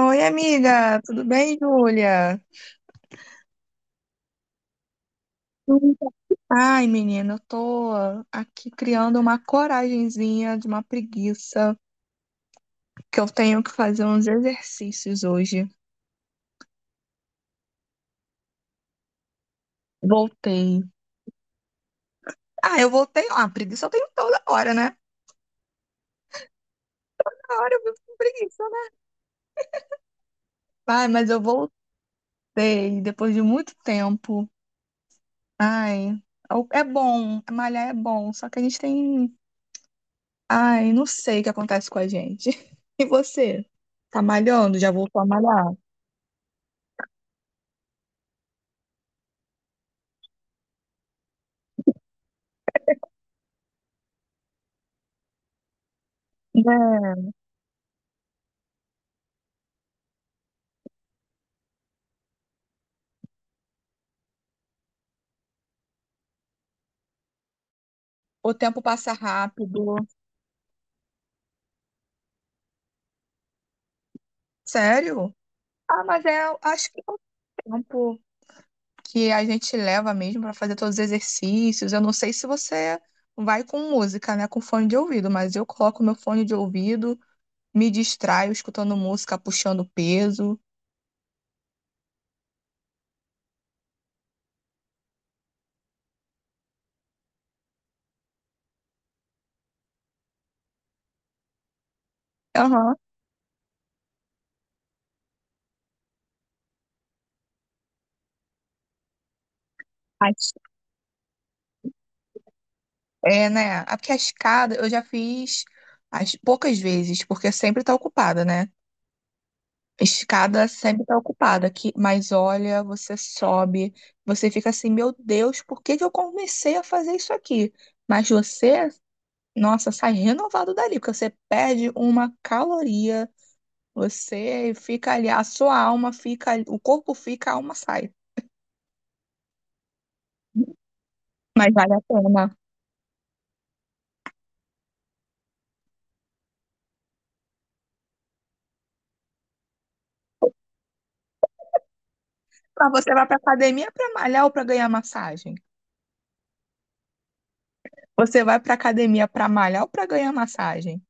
Oi, amiga, tudo bem, Júlia? Tudo. Ai, menina, eu tô aqui criando uma coragenzinha de uma preguiça, que eu tenho que fazer uns exercícios hoje. Voltei. Ah, eu voltei. Ah, preguiça eu tenho toda hora, né? Toda hora eu vivo com preguiça, né? Ai, mas eu voltei depois de muito tempo. Ai, é bom, malhar é bom, só que a gente tem. Ai, não sei o que acontece com a gente. E você? Tá malhando? Já voltou a malhar? Né? O tempo passa rápido. Sério? Ah, mas é, acho que é o tempo que a gente leva mesmo para fazer todos os exercícios. Eu não sei se você vai com música, né, com fone de ouvido, mas eu coloco meu fone de ouvido, me distraio escutando música, puxando peso. Aham. As- É, né? Ah, porque a escada eu já fiz as poucas vezes, porque sempre tá ocupada, né? Escada sempre tá ocupada, que, mas olha, você sobe, você fica assim, meu Deus, por que que eu comecei a fazer isso aqui? Mas você, nossa, sai renovado dali, porque você perde uma caloria, você fica ali, a sua alma fica, ali, o corpo fica, a alma sai. Mas vale a pena. Pra você vai pra academia pra malhar ou pra ganhar massagem? Você vai pra academia pra malhar ou pra ganhar massagem?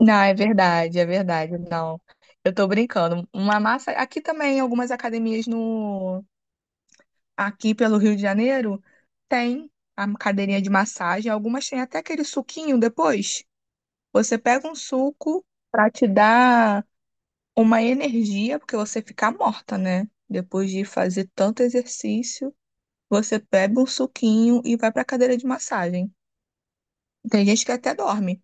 Não, é verdade, é verdade. Não, eu tô brincando. Uma massa. Aqui também, algumas academias no. Aqui pelo Rio de Janeiro, tem a cadeirinha de massagem. Algumas têm até aquele suquinho depois. Você pega um suco pra te dar uma energia, porque você fica morta, né? Depois de fazer tanto exercício, você pega um suquinho e vai pra cadeira de massagem. Tem gente que até dorme.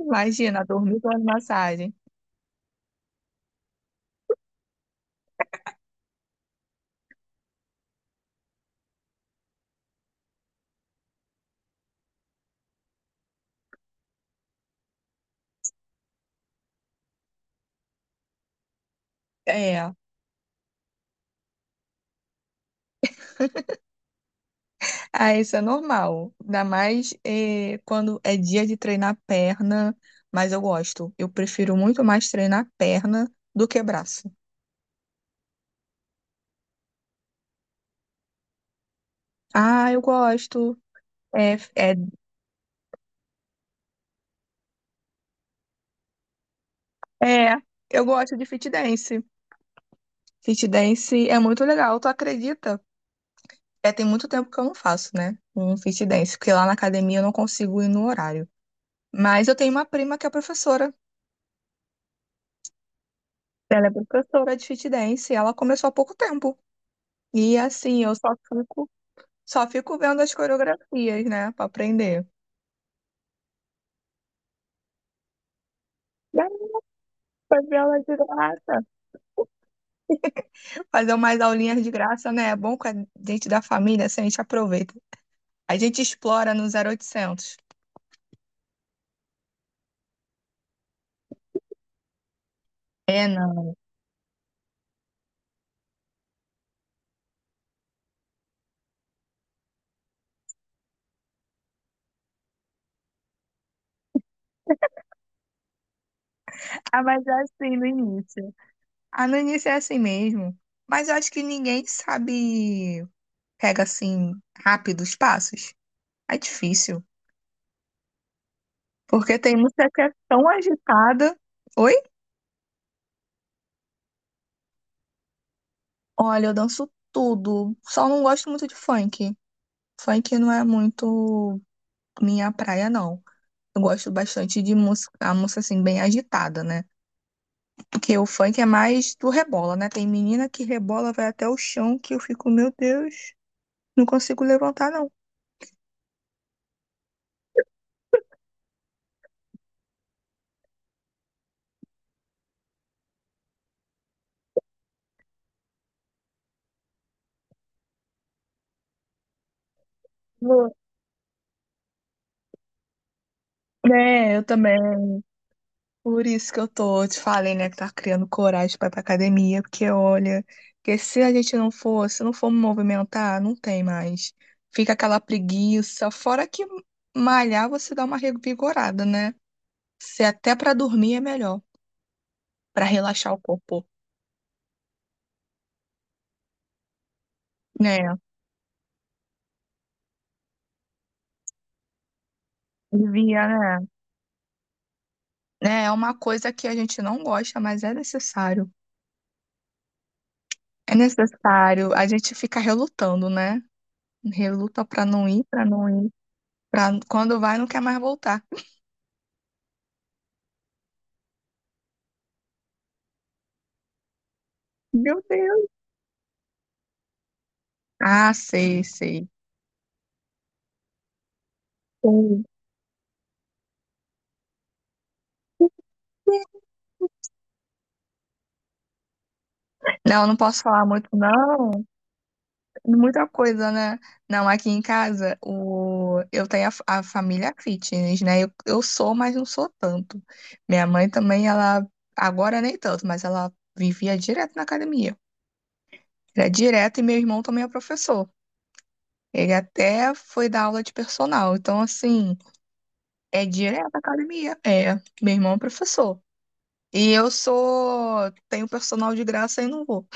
Imagina, dormir com massagem. É. Ah, isso é normal. Ainda mais quando é dia de treinar perna, mas eu gosto. Eu prefiro muito mais treinar perna do que braço. Ah, eu gosto. É, é, é. Eu gosto de fit dance. Fit dance é muito legal, tu acredita? É, tem muito tempo que eu não faço, né? Um fit dance, porque lá na academia eu não consigo ir no horário. Mas eu tenho uma prima que é professora. Ela é professora de fit dance, e ela começou há pouco tempo. E assim, eu só fico. Só fico vendo as coreografias, né, pra aprender. E aí, fazer aula de graça. Fazer umas aulinhas de graça, né? É bom com a gente da família, assim, a gente aproveita. A gente explora no 0800. É, não. Ah, mas é assim no início. Ah, no início é assim mesmo. Mas eu acho que ninguém sabe, pega assim, rápido os passos. É difícil. Porque tem música que é tão agitada. Oi? Olha, eu danço tudo. Só não gosto muito de funk. Funk não é muito minha praia, não. Eu gosto bastante de música, a música assim, bem agitada, né? Porque o funk é mais do rebola, né? Tem menina que rebola, vai até o chão, que eu fico, meu Deus, não consigo levantar, não. Vou. É, eu também. Por isso que eu tô, te falei, né, que tá criando coragem pra ir pra academia, porque olha, porque se a gente não for, se não for movimentar, não tem mais. Fica aquela preguiça, fora que malhar você dá uma revigorada, né? Se até pra dormir é melhor. Para relaxar o corpo. Né, devia, né? É uma coisa que a gente não gosta, mas é necessário. É necessário. A gente fica relutando, né? Reluta pra não ir, pra não ir. Pra... Quando vai, não quer mais voltar. Meu Deus. Ah, sei, sei. Sei. Não, não posso falar muito, não. Muita coisa, né? Não, aqui em casa, o... eu tenho a, a família fitness, né? Eu sou, mas não sou tanto. Minha mãe também, ela, agora nem tanto, mas ela vivia direto na academia. Era direto, e meu irmão também é professor. Ele até foi dar aula de personal. Então, assim, é direto à academia. É, meu irmão é professor. E eu sou, tenho personal de graça e não vou.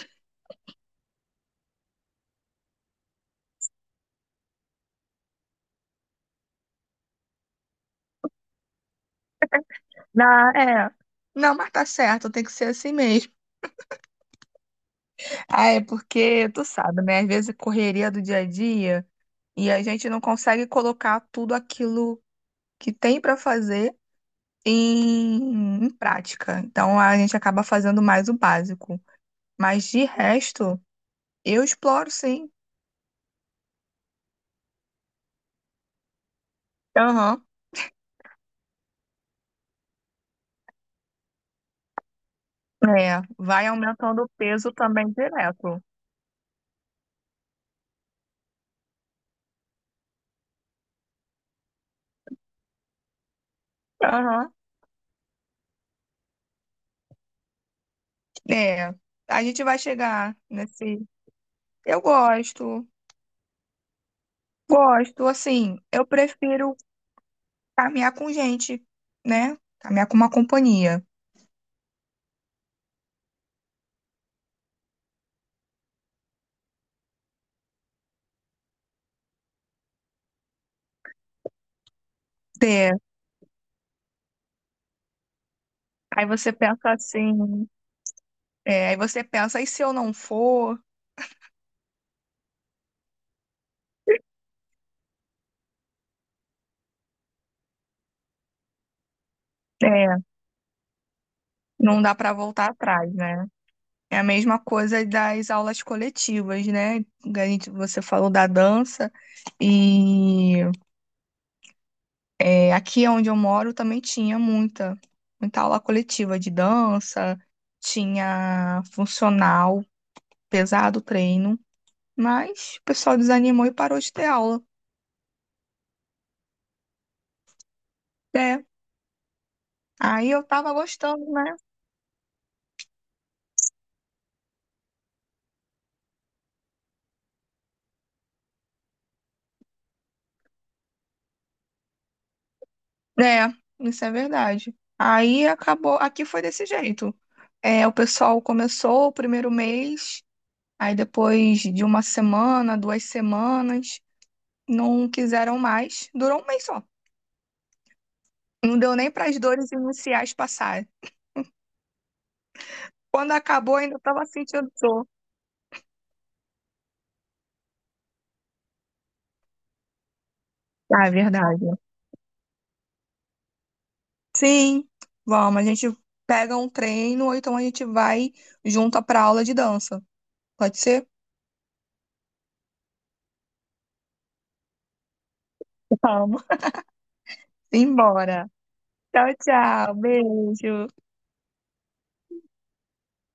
Na, é. Não, mas tá certo, tem que ser assim mesmo. Ah, é porque tu sabe, né? Às vezes a correria do dia a dia e a gente não consegue colocar tudo aquilo que tem para fazer em prática. Então a gente acaba fazendo mais o básico. Mas de resto, eu exploro sim. Aham. É, vai aumentando o peso também direto. Aham. É, a gente vai chegar nesse. Eu gosto, assim, eu prefiro caminhar com gente, né? Caminhar com uma companhia. É, aí você pensa assim, é, aí você pensa, e se eu não for? É, não dá para voltar atrás, né? É a mesma coisa das aulas coletivas, né? Você falou da dança, e é, aqui onde eu moro também tinha muita aula coletiva de dança, tinha funcional, pesado o treino, mas o pessoal desanimou e parou de ter aula. É, aí eu tava gostando, né? É, isso é verdade. Aí acabou, aqui foi desse jeito. É, o pessoal começou o primeiro mês, aí depois de uma semana, duas semanas, não quiseram mais. Durou um mês só. Não deu nem para as dores iniciais passarem. Quando acabou, ainda estava sentindo dor. Ah, é verdade. Sim, vamos, a gente pega um treino, ou então a gente vai junto para aula de dança. Pode ser? Vamos. Embora. Tchau, tchau. Beijo.